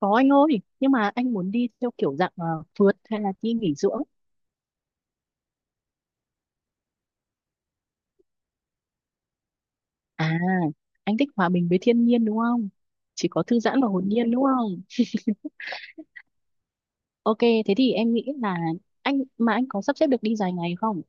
Có anh ơi, nhưng mà anh muốn đi theo kiểu dạng phượt hay là đi nghỉ dưỡng? À, anh thích hòa bình với thiên nhiên đúng không? Chỉ có thư giãn và hồn nhiên đúng không? Ok, thế thì em nghĩ là anh mà anh có sắp xếp được đi dài ngày không?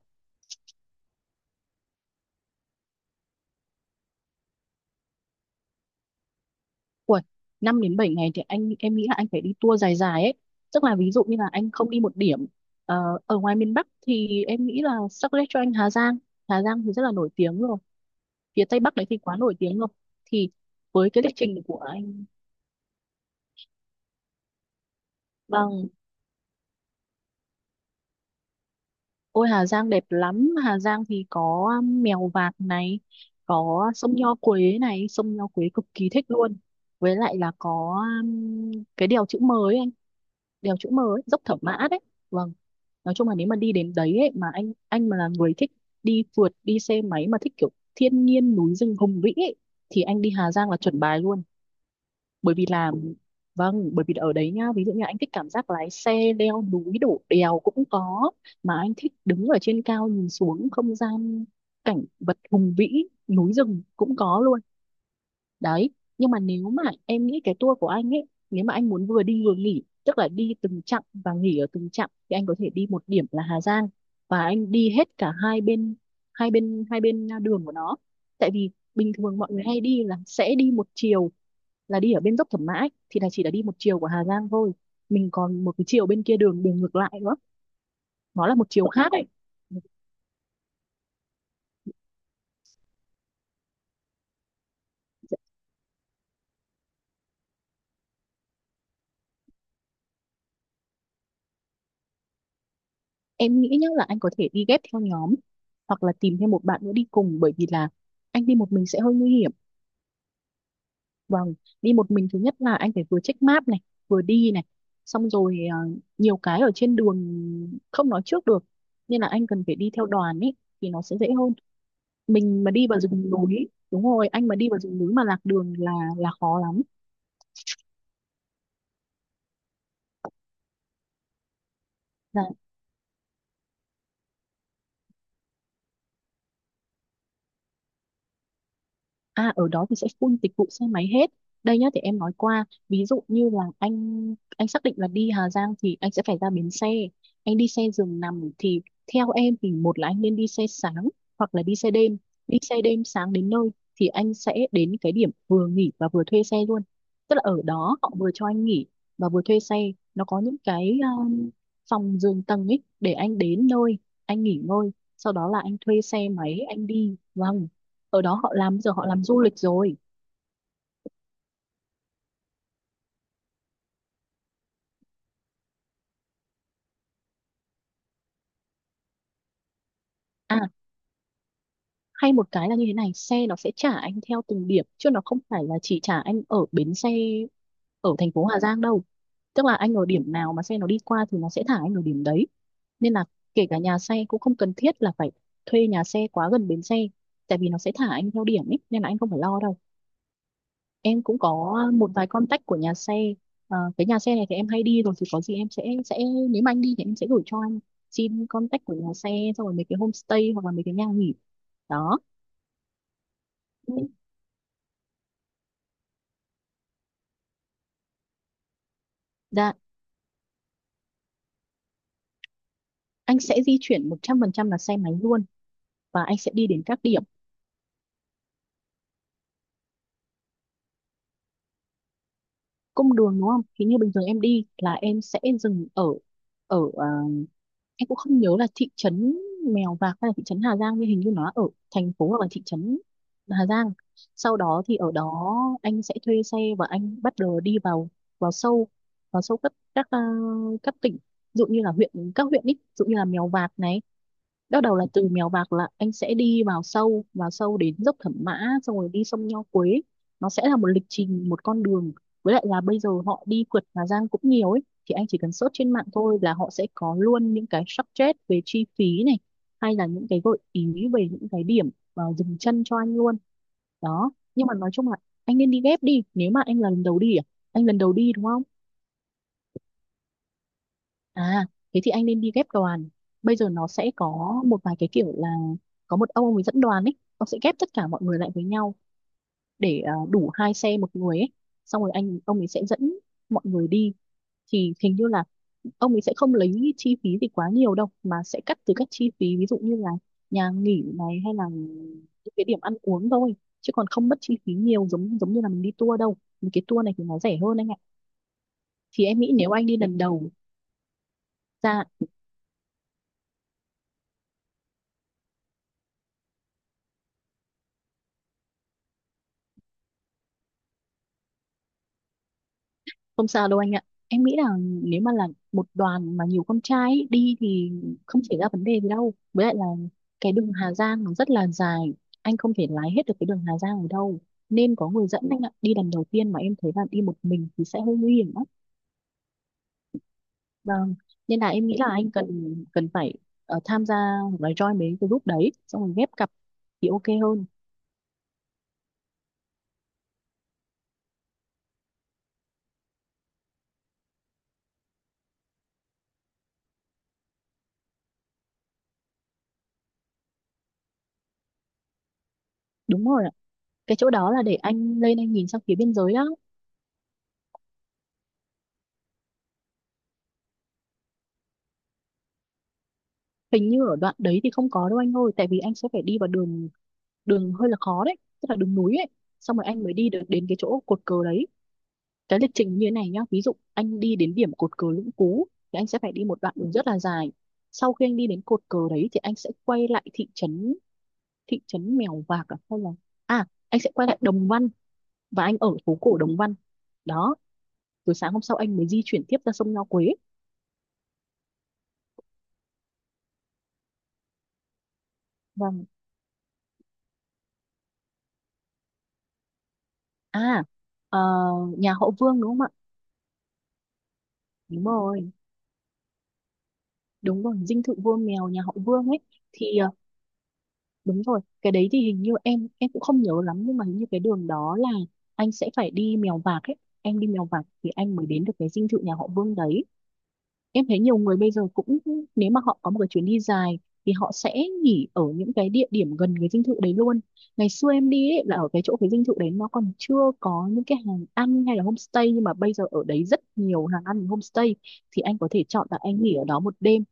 Ui, 5 đến 7 ngày thì anh, em nghĩ là anh phải đi tour dài dài ấy. Tức là ví dụ như là anh không đi một điểm ở ngoài miền Bắc thì em nghĩ là suggest cho anh Hà Giang. Hà Giang thì rất là nổi tiếng rồi. Phía Tây Bắc đấy thì quá nổi tiếng rồi. Thì với cái lịch trình của anh. Vâng. Ôi Hà Giang đẹp lắm, Hà Giang thì có Mèo Vạc này, có sông Nho Quế này, sông Nho Quế cực kỳ thích luôn. Với lại là có cái đèo chữ M ấy anh, đèo chữ M ấy, dốc Thẩm Mã đấy. Vâng. Nói chung là nếu mà đi đến đấy ấy, mà anh mà là người thích đi phượt, đi xe máy mà thích kiểu thiên nhiên núi rừng hùng vĩ ấy, thì anh đi Hà Giang là chuẩn bài luôn. Bởi vì là Vâng. Bởi vì ở đấy nhá, ví dụ như anh thích cảm giác lái xe leo núi đổ đèo cũng có, mà anh thích đứng ở trên cao nhìn xuống không gian, cảnh vật hùng vĩ núi rừng cũng có luôn đấy. Nhưng mà nếu mà em nghĩ cái tour của anh ấy, nếu mà anh muốn vừa đi vừa nghỉ, tức là đi từng chặng và nghỉ ở từng chặng, thì anh có thể đi một điểm là Hà Giang và anh đi hết cả hai bên, hai bên đường của nó. Tại vì bình thường mọi người hay đi là sẽ đi một chiều, là đi ở bên dốc Thẩm Mã ấy, thì là chỉ là đi một chiều của Hà Giang thôi, mình còn một cái chiều bên kia, đường đường ngược lại nữa, nó là một chiều khác ấy. Em nghĩ nhá là anh có thể đi ghép theo nhóm hoặc là tìm thêm một bạn nữa đi cùng, bởi vì là anh đi một mình sẽ hơi nguy hiểm. Vâng. Đi một mình, thứ nhất là anh phải vừa check map này, vừa đi này, xong rồi nhiều cái ở trên đường không nói trước được, nên là anh cần phải đi theo đoàn ấy, thì nó sẽ dễ hơn. Mình mà đi vào rừng núi, đúng rồi, anh mà đi vào rừng núi mà lạc đường là khó lắm là À, ở đó thì sẽ full dịch vụ xe máy hết. Đây nhá, để em nói qua, ví dụ như là anh xác định là đi Hà Giang thì anh sẽ phải ra bến xe. Anh đi xe giường nằm thì theo em thì một là anh nên đi xe sáng hoặc là đi xe đêm. Đi xe đêm sáng đến nơi thì anh sẽ đến cái điểm vừa nghỉ và vừa thuê xe luôn. Tức là ở đó họ vừa cho anh nghỉ và vừa thuê xe. Nó có những cái phòng giường tầng ấy, để anh đến nơi, anh nghỉ ngơi, sau đó là anh thuê xe máy anh đi. Vâng, ở đó họ làm, giờ họ làm du lịch rồi. À, hay một cái là như thế này, xe nó sẽ trả anh theo từng điểm chứ nó không phải là chỉ trả anh ở bến xe ở thành phố Hà Giang đâu. Tức là anh ở điểm nào mà xe nó đi qua thì nó sẽ thả anh ở điểm đấy, nên là kể cả nhà xe cũng không cần thiết là phải thuê nhà xe quá gần bến xe, tại vì nó sẽ thả anh theo điểm ấy nên là anh không phải lo đâu. Em cũng có một vài contact của nhà xe. Ờ, cái nhà xe này thì em hay đi rồi, thì có gì em sẽ nếu mà anh đi thì em sẽ gửi cho anh, xin contact của nhà xe, xong rồi mấy cái homestay hoặc là mấy cái nhà nghỉ đó. Ừ. Dạ anh sẽ di chuyển 100% là xe máy luôn và anh sẽ đi đến các điểm, cung đường đúng không, thì như bình thường em đi là em sẽ dừng ở ở em cũng không nhớ là thị trấn Mèo Vạc hay là thị trấn Hà Giang, nhưng hình như nó ở thành phố hoặc là thị trấn Hà Giang, sau đó thì ở đó anh sẽ thuê xe và anh bắt đầu đi vào vào sâu vào sâu các các tỉnh, ví dụ như là huyện, các huyện ý, ví dụ như là Mèo Vạc này. Bắt đầu là từ Mèo Vạc là anh sẽ đi vào sâu đến dốc Thẩm Mã, xong rồi đi sông Nho Quế. Nó sẽ là một lịch trình, một con đường. Với lại là bây giờ họ đi phượt Hà Giang cũng nhiều ấy. Thì anh chỉ cần search trên mạng thôi là họ sẽ có luôn những cái budget về chi phí này. Hay là những cái gợi ý về những cái điểm dừng chân cho anh luôn. Đó. Nhưng mà nói chung là anh nên đi ghép đi. Nếu mà anh là lần đầu đi à? Anh lần đầu đi đúng không? À, thế thì anh nên đi ghép đoàn. Bây giờ nó sẽ có một vài cái kiểu là có một ông ấy dẫn đoàn ấy, ông sẽ ghép tất cả mọi người lại với nhau để đủ hai xe một người ấy. Xong rồi ông ấy sẽ dẫn mọi người đi. Thì hình như là ông ấy sẽ không lấy chi phí gì quá nhiều đâu mà sẽ cắt từ các chi phí, ví dụ như là nhà nghỉ này hay là những cái điểm ăn uống thôi, chứ còn không mất chi phí nhiều giống giống như là mình đi tour đâu. Những cái tour này thì nó rẻ hơn anh ạ. Thì em nghĩ nếu anh đi lần đầu. ra Không sao đâu anh ạ. Em nghĩ là nếu mà là một đoàn mà nhiều con trai ấy, đi thì không xảy ra vấn đề gì đâu. Với lại là cái đường Hà Giang nó rất là dài. Anh không thể lái hết được cái đường Hà Giang ở đâu. Nên có người dẫn anh ạ. Đi lần đầu tiên mà em thấy là đi một mình thì sẽ hơi nguy hiểm lắm. Vâng. Nên là em nghĩ là anh cần cần phải tham gia hoặc là join mấy cái group đấy. Xong rồi ghép cặp thì ok hơn. Đúng rồi ạ. Cái chỗ đó là để anh lên anh nhìn sang phía biên giới đó. Hình như ở đoạn đấy thì không có đâu anh ơi. Tại vì anh sẽ phải đi vào đường, hơi là khó đấy, tức là đường núi ấy, xong rồi anh mới đi được đến cái chỗ cột cờ đấy. Cái lịch trình như thế này nhá, ví dụ anh đi đến điểm cột cờ Lũng Cú thì anh sẽ phải đi một đoạn đường rất là dài, sau khi anh đi đến cột cờ đấy thì anh sẽ quay lại thị trấn Mèo Vạc à, hay là anh sẽ quay lại Đồng Văn, và anh ở phố cổ Đồng Văn đó. Rồi sáng hôm sau anh mới di chuyển tiếp ra sông Nho Quế và à ờ, nhà họ Vương đúng không ạ. Đúng rồi, đúng rồi, dinh thự vua mèo nhà họ Vương ấy. thì ờ, Đúng rồi, cái đấy thì hình như em cũng không nhớ lắm, nhưng mà hình như cái đường đó là anh sẽ phải đi Mèo Vạc ấy. Em đi Mèo Vạc thì anh mới đến được cái dinh thự nhà họ Vương đấy. Em thấy nhiều người bây giờ cũng, nếu mà họ có một cái chuyến đi dài thì họ sẽ nghỉ ở những cái địa điểm gần cái dinh thự đấy luôn. Ngày xưa em đi ấy, là ở cái chỗ cái dinh thự đấy nó còn chưa có những cái hàng ăn hay là homestay, nhưng mà bây giờ ở đấy rất nhiều hàng ăn homestay, thì anh có thể chọn là anh nghỉ ở đó một đêm.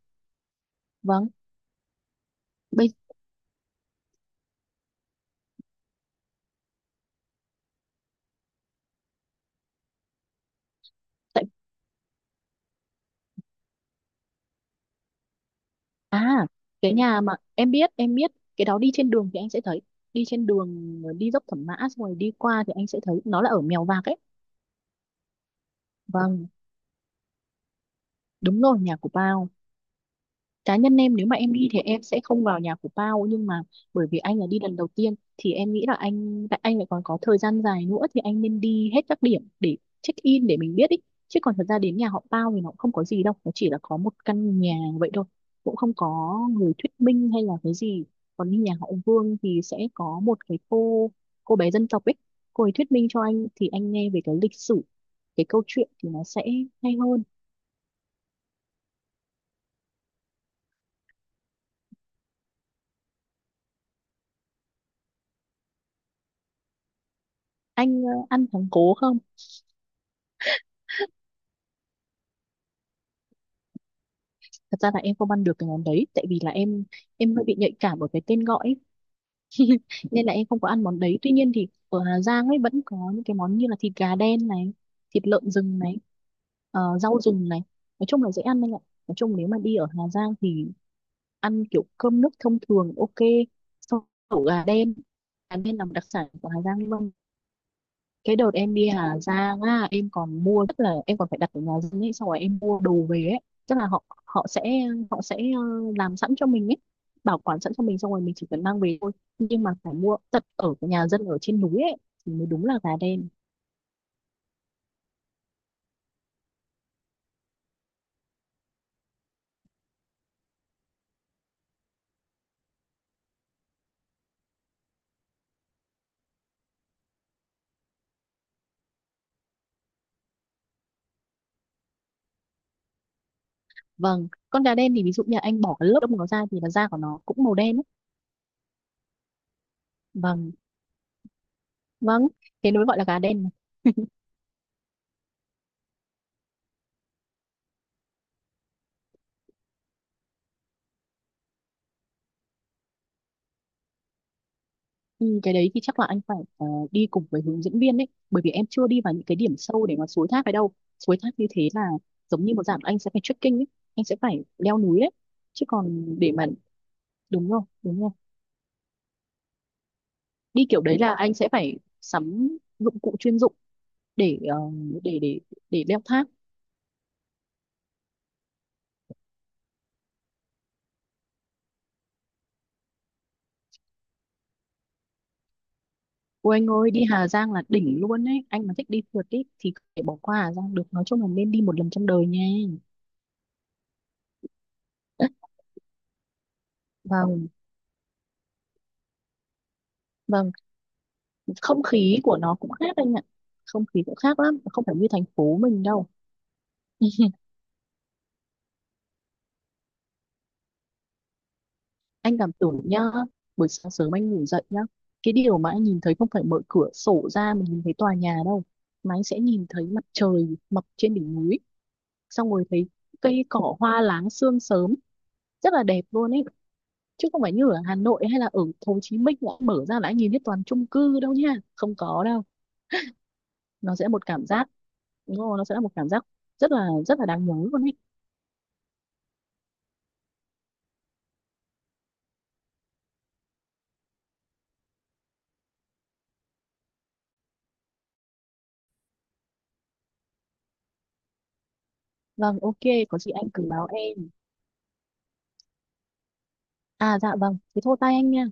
Vâng. bây tại À, cái nhà mà em biết cái đó đi trên đường thì anh sẽ thấy. Đi trên đường đi dốc Thẩm Mã xong rồi đi qua thì anh sẽ thấy nó là ở Mèo Vạc ấy. Vâng, đúng rồi, nhà của Pao. Cá nhân em nếu mà em đi thì em sẽ không vào nhà của Pao, nhưng mà bởi vì anh là đi lần đầu tiên thì em nghĩ là anh tại anh lại còn có thời gian dài nữa thì anh nên đi hết các điểm để check in để mình biết ý. Chứ còn thật ra đến nhà họ Pao thì nó cũng không có gì đâu, nó chỉ là có một căn nhà vậy thôi, cũng không có người thuyết minh hay là cái gì. Còn đi nhà họ Vương thì sẽ có một cái cô bé dân tộc ấy, cô ấy thuyết minh cho anh thì anh nghe về cái lịch sử, cái câu chuyện thì nó sẽ hay hơn. Anh ăn thắng cố không? Thật ra là em không ăn được cái món đấy, tại vì là em hơi bị nhạy cảm ở cái tên gọi ấy. Nên là em không có ăn món đấy, tuy nhiên thì ở Hà Giang ấy vẫn có những cái món như là thịt gà đen này, thịt lợn rừng này, rau rừng này. Nói chung là dễ ăn anh ạ. Nói chung nếu mà đi ở Hà Giang thì ăn kiểu cơm nước thông thường ok, sau ổ gà đen. Gà đen là một đặc sản của Hà Giang luôn. Cái đợt em đi Hà Giang á, em còn mua, tức là em còn phải đặt ở nhà dân ấy xong rồi em mua đồ về ấy. Tức là họ họ sẽ, họ sẽ làm sẵn cho mình ấy, bảo quản sẵn cho mình xong rồi mình chỉ cần mang về thôi. Nhưng mà phải mua tận ở cái nhà dân ở trên núi ấy thì mới đúng là gà đen. Vâng, con gà đen thì ví dụ như anh bỏ cái lớp đông nó ra thì là da của nó cũng màu đen ấy. Vâng, vâng, thế nó mới gọi là gà đen. Ừ, cái đấy thì chắc là anh phải đi cùng với hướng dẫn viên đấy, bởi vì em chưa đi vào những cái điểm sâu để mà suối thác ấy đâu. Suối thác như thế là giống như một dạng anh sẽ phải trekking ấy, anh sẽ phải leo núi đấy. Chứ còn để mà, đúng không, đúng rồi, đi kiểu đấy là anh sẽ phải sắm dụng cụ chuyên dụng để để để leo thác. Ôi anh ơi, đi Hà Giang là đỉnh luôn đấy, anh mà thích đi phượt ý, thì có thể bỏ qua Hà Giang được, nói chung là nên đi một lần trong đời nha. Vâng, vâng, không khí của nó cũng khác anh ạ, không khí cũng khác lắm, không phải như thành phố mình đâu. Anh cảm tưởng nhá, buổi sáng sớm anh ngủ dậy nhá, cái điều mà anh nhìn thấy không phải mở cửa sổ ra mình nhìn thấy tòa nhà đâu, mà anh sẽ nhìn thấy mặt trời mọc trên đỉnh núi, xong rồi thấy cây cỏ hoa láng sương sớm, rất là đẹp luôn ấy. Chứ không phải như ở Hà Nội hay là ở Hồ Chí Minh đã mở ra là anh nhìn thấy toàn chung cư đâu nha, không có đâu. Nó sẽ một cảm giác, đúng rồi, nó sẽ là một cảm giác rất là đáng nhớ luôn ấy. Vâng, ok, có chị anh cứ báo em. À dạ vâng, thế thôi tay anh nha.